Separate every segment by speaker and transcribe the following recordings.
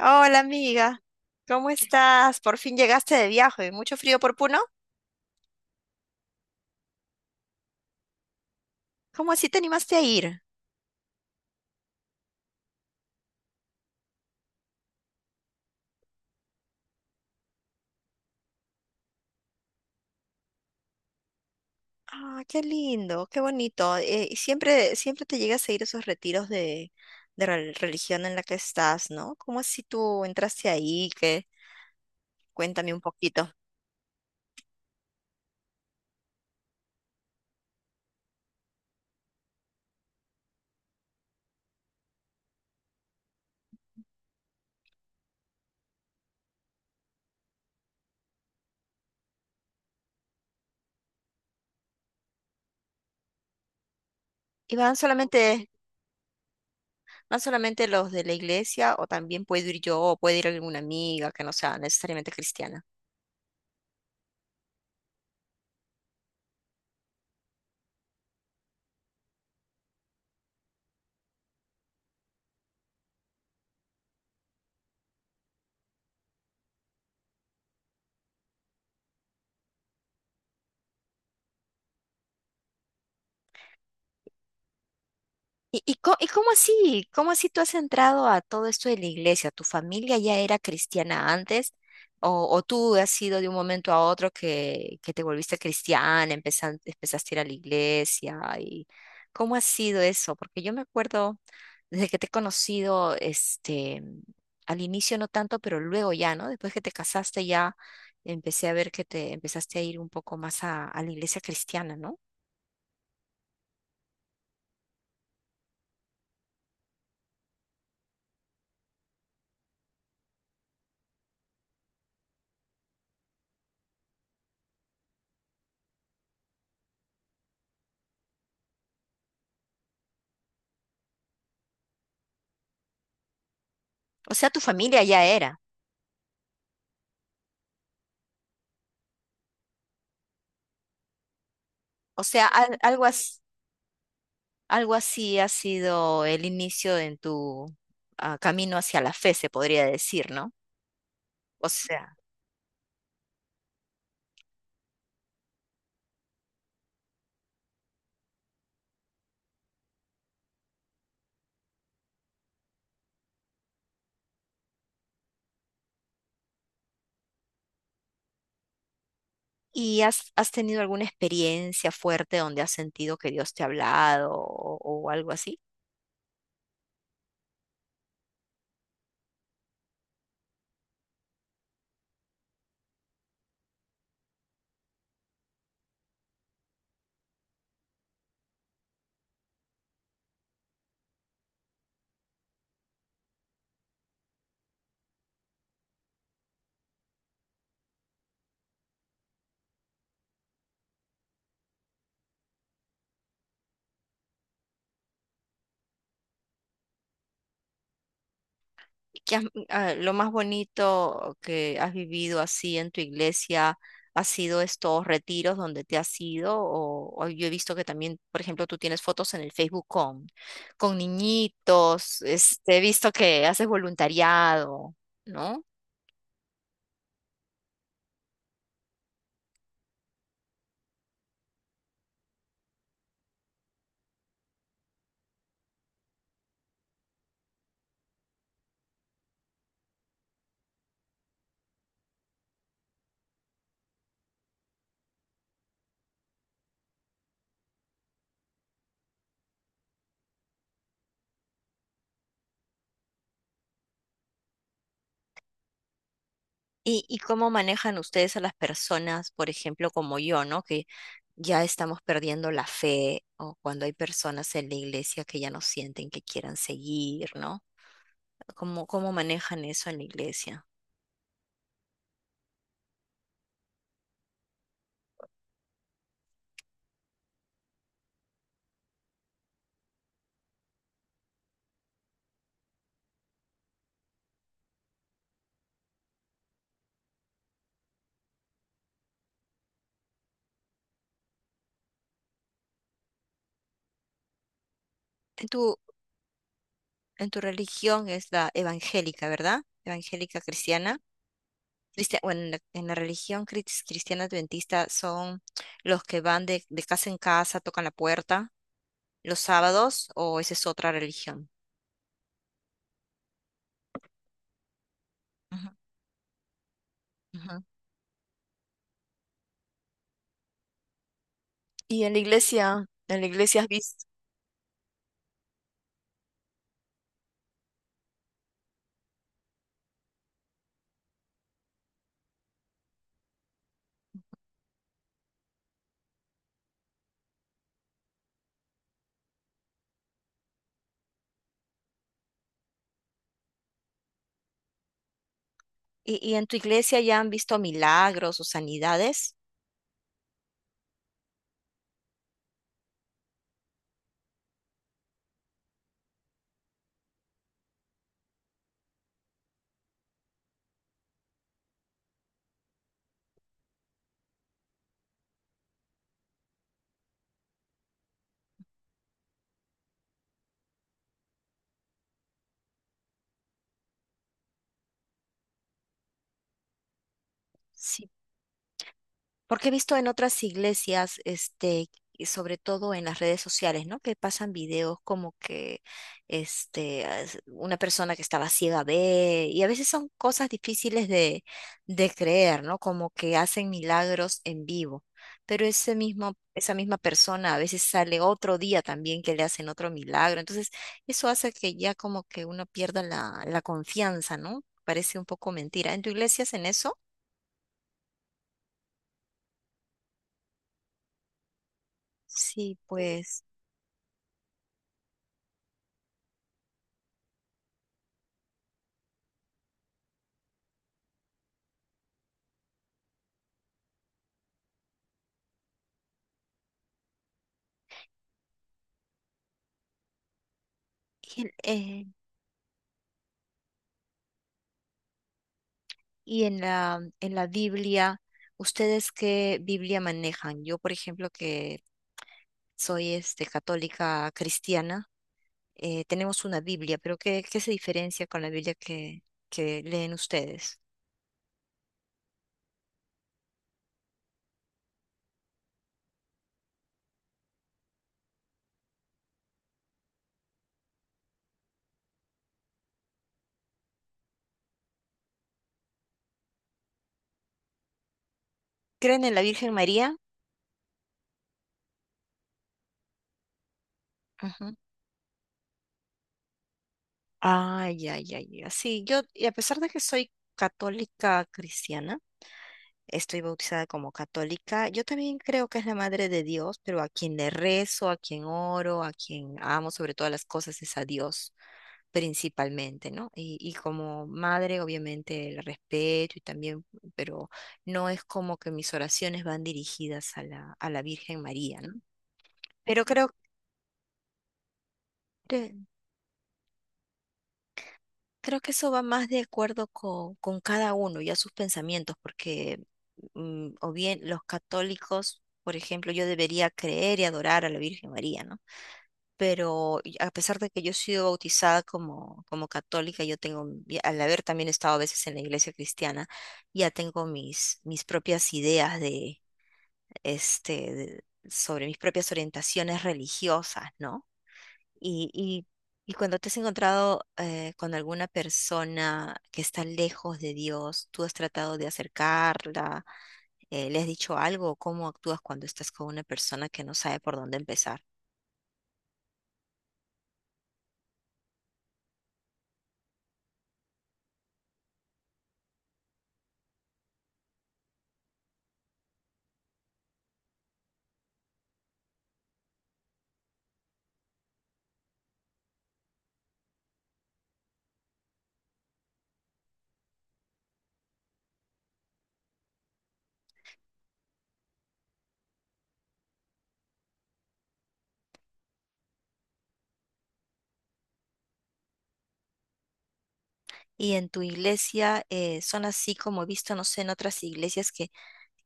Speaker 1: Hola amiga, ¿cómo estás? Por fin llegaste de viaje, mucho frío por Puno. ¿Cómo así te animaste a ir? Ah, qué lindo, qué bonito. Y siempre te llegas a ir a esos retiros de religión en la que estás, ¿no? ¿Cómo así tú entraste ahí? ¿Qué? Cuéntame un poquito. ¿Y van solamente, Van solamente los de la iglesia o también puedo ir yo o puede ir alguna amiga que no sea necesariamente cristiana? ¿Y cómo así? ¿Cómo así tú has entrado a todo esto de la iglesia? ¿Tu familia ya era cristiana antes? ¿O tú has sido de un momento a otro que te volviste cristiana, empezaste a ir a la iglesia? ¿Y cómo ha sido eso? Porque yo me acuerdo desde que te he conocido, este, al inicio no tanto, pero luego ya, ¿no? Después que te casaste ya empecé a ver que te empezaste a ir un poco más a la iglesia cristiana, ¿no? O sea, tu familia ya era. O sea, algo así. Algo así ha sido el inicio en tu camino hacia la fe, se podría decir, ¿no? O sea, ¿y has tenido alguna experiencia fuerte donde has sentido que Dios te ha hablado o algo así? ¿ Lo más bonito que has vivido así en tu iglesia ha sido estos retiros donde te has ido? O yo he visto que también, por ejemplo, tú tienes fotos en el Facebook con niñitos, este, he visto que haces voluntariado, ¿no? Y cómo manejan ustedes a las personas, por ejemplo, como yo, ¿no? Que ya estamos perdiendo la fe o cuando hay personas en la iglesia que ya no sienten que quieran seguir, ¿no? ¿Cómo, cómo manejan eso en la iglesia? En tu, en tu religión es la evangélica, ¿verdad? Evangélica cristiana. Bueno, en la religión cristiana adventista son los que van de casa en casa, tocan la puerta los sábados, o esa es otra religión. Ujú, ujú. Y en la iglesia has visto. Y en tu iglesia ya han visto milagros o sanidades? Porque he visto en otras iglesias, este, y sobre todo en las redes sociales, ¿no? Que pasan videos como que, este, una persona que estaba ciega ve, y a veces son cosas difíciles de creer, ¿no? Como que hacen milagros en vivo. Pero ese mismo, esa misma persona a veces sale otro día también que le hacen otro milagro. Entonces, eso hace que ya como que uno pierda la, la confianza, ¿no? Parece un poco mentira. ¿En tu iglesia hacen eso? Sí, pues. y el- eh, Y en la Biblia, ¿ustedes qué Biblia manejan? Yo, por ejemplo, que soy este, católica cristiana, tenemos una Biblia, pero ¿qué, qué se diferencia con la Biblia que leen ustedes? ¿Creen en la Virgen María? Ujú. Ay, ay, ay, ya. Sí, yo, y a pesar de que soy católica cristiana, estoy bautizada como católica, yo también creo que es la madre de Dios, pero a quien le rezo, a quien oro, a quien amo sobre todas las cosas es a Dios. Principalmente, ¿no? Y como madre, obviamente el respeto y también, pero no es como que mis oraciones van dirigidas a la Virgen María, ¿no? Pero creo que, creo que eso va más de acuerdo con, cada uno y a sus pensamientos, porque mm, o bien los católicos, por ejemplo, yo debería creer y adorar a la Virgen María, ¿no? Pero y a pesar de que yo he sido bautizada como, como católica, yo tengo, y al haber también estado a veces en la iglesia cristiana, ya tengo mis, mis propias ideas de, este, sobre mis propias orientaciones religiosas, ¿no? Y, y, y cuando te has encontrado con alguna persona que está lejos de Dios, ¿tú has tratado de acercarla? ¿Le has dicho algo? ¿Cómo actúas cuando estás con una persona que no sabe por dónde empezar? Y en tu iglesia son así como he visto, no sé, en otras iglesias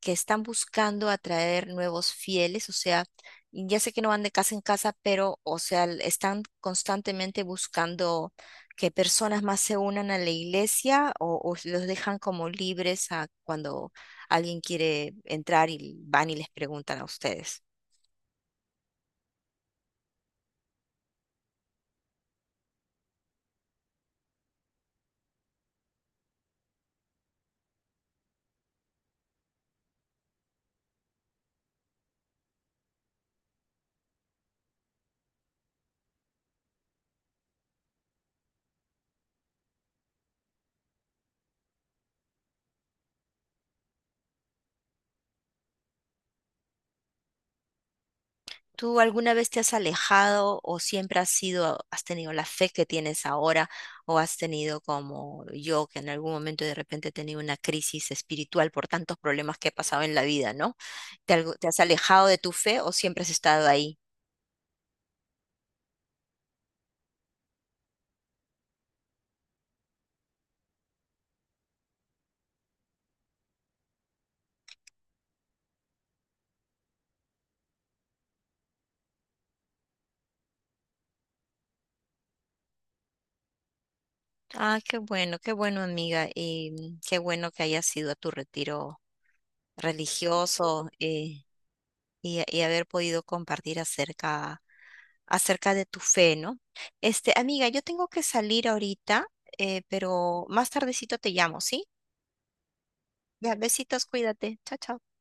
Speaker 1: que están buscando atraer nuevos fieles, o sea, ya sé que no van de casa en casa, pero, o sea, están constantemente buscando que personas más se unan a la iglesia o los dejan como libres a cuando alguien quiere entrar y van y les preguntan a ustedes. ¿Tú alguna vez te has alejado o siempre has sido, has tenido la fe que tienes ahora o has tenido como yo que en algún momento de repente he tenido una crisis espiritual por tantos problemas que he pasado en la vida, ¿no? ¿ Te has alejado de tu fe o siempre has estado ahí? Ah, qué bueno amiga y mm, qué bueno que hayas ido a tu retiro religioso. Y, y haber podido compartir acerca, acerca de tu fe, ¿no? Este, amiga, yo tengo que salir ahorita, pero más tardecito te llamo, ¿sí? Ya, besitos, cuídate. Chao, chao.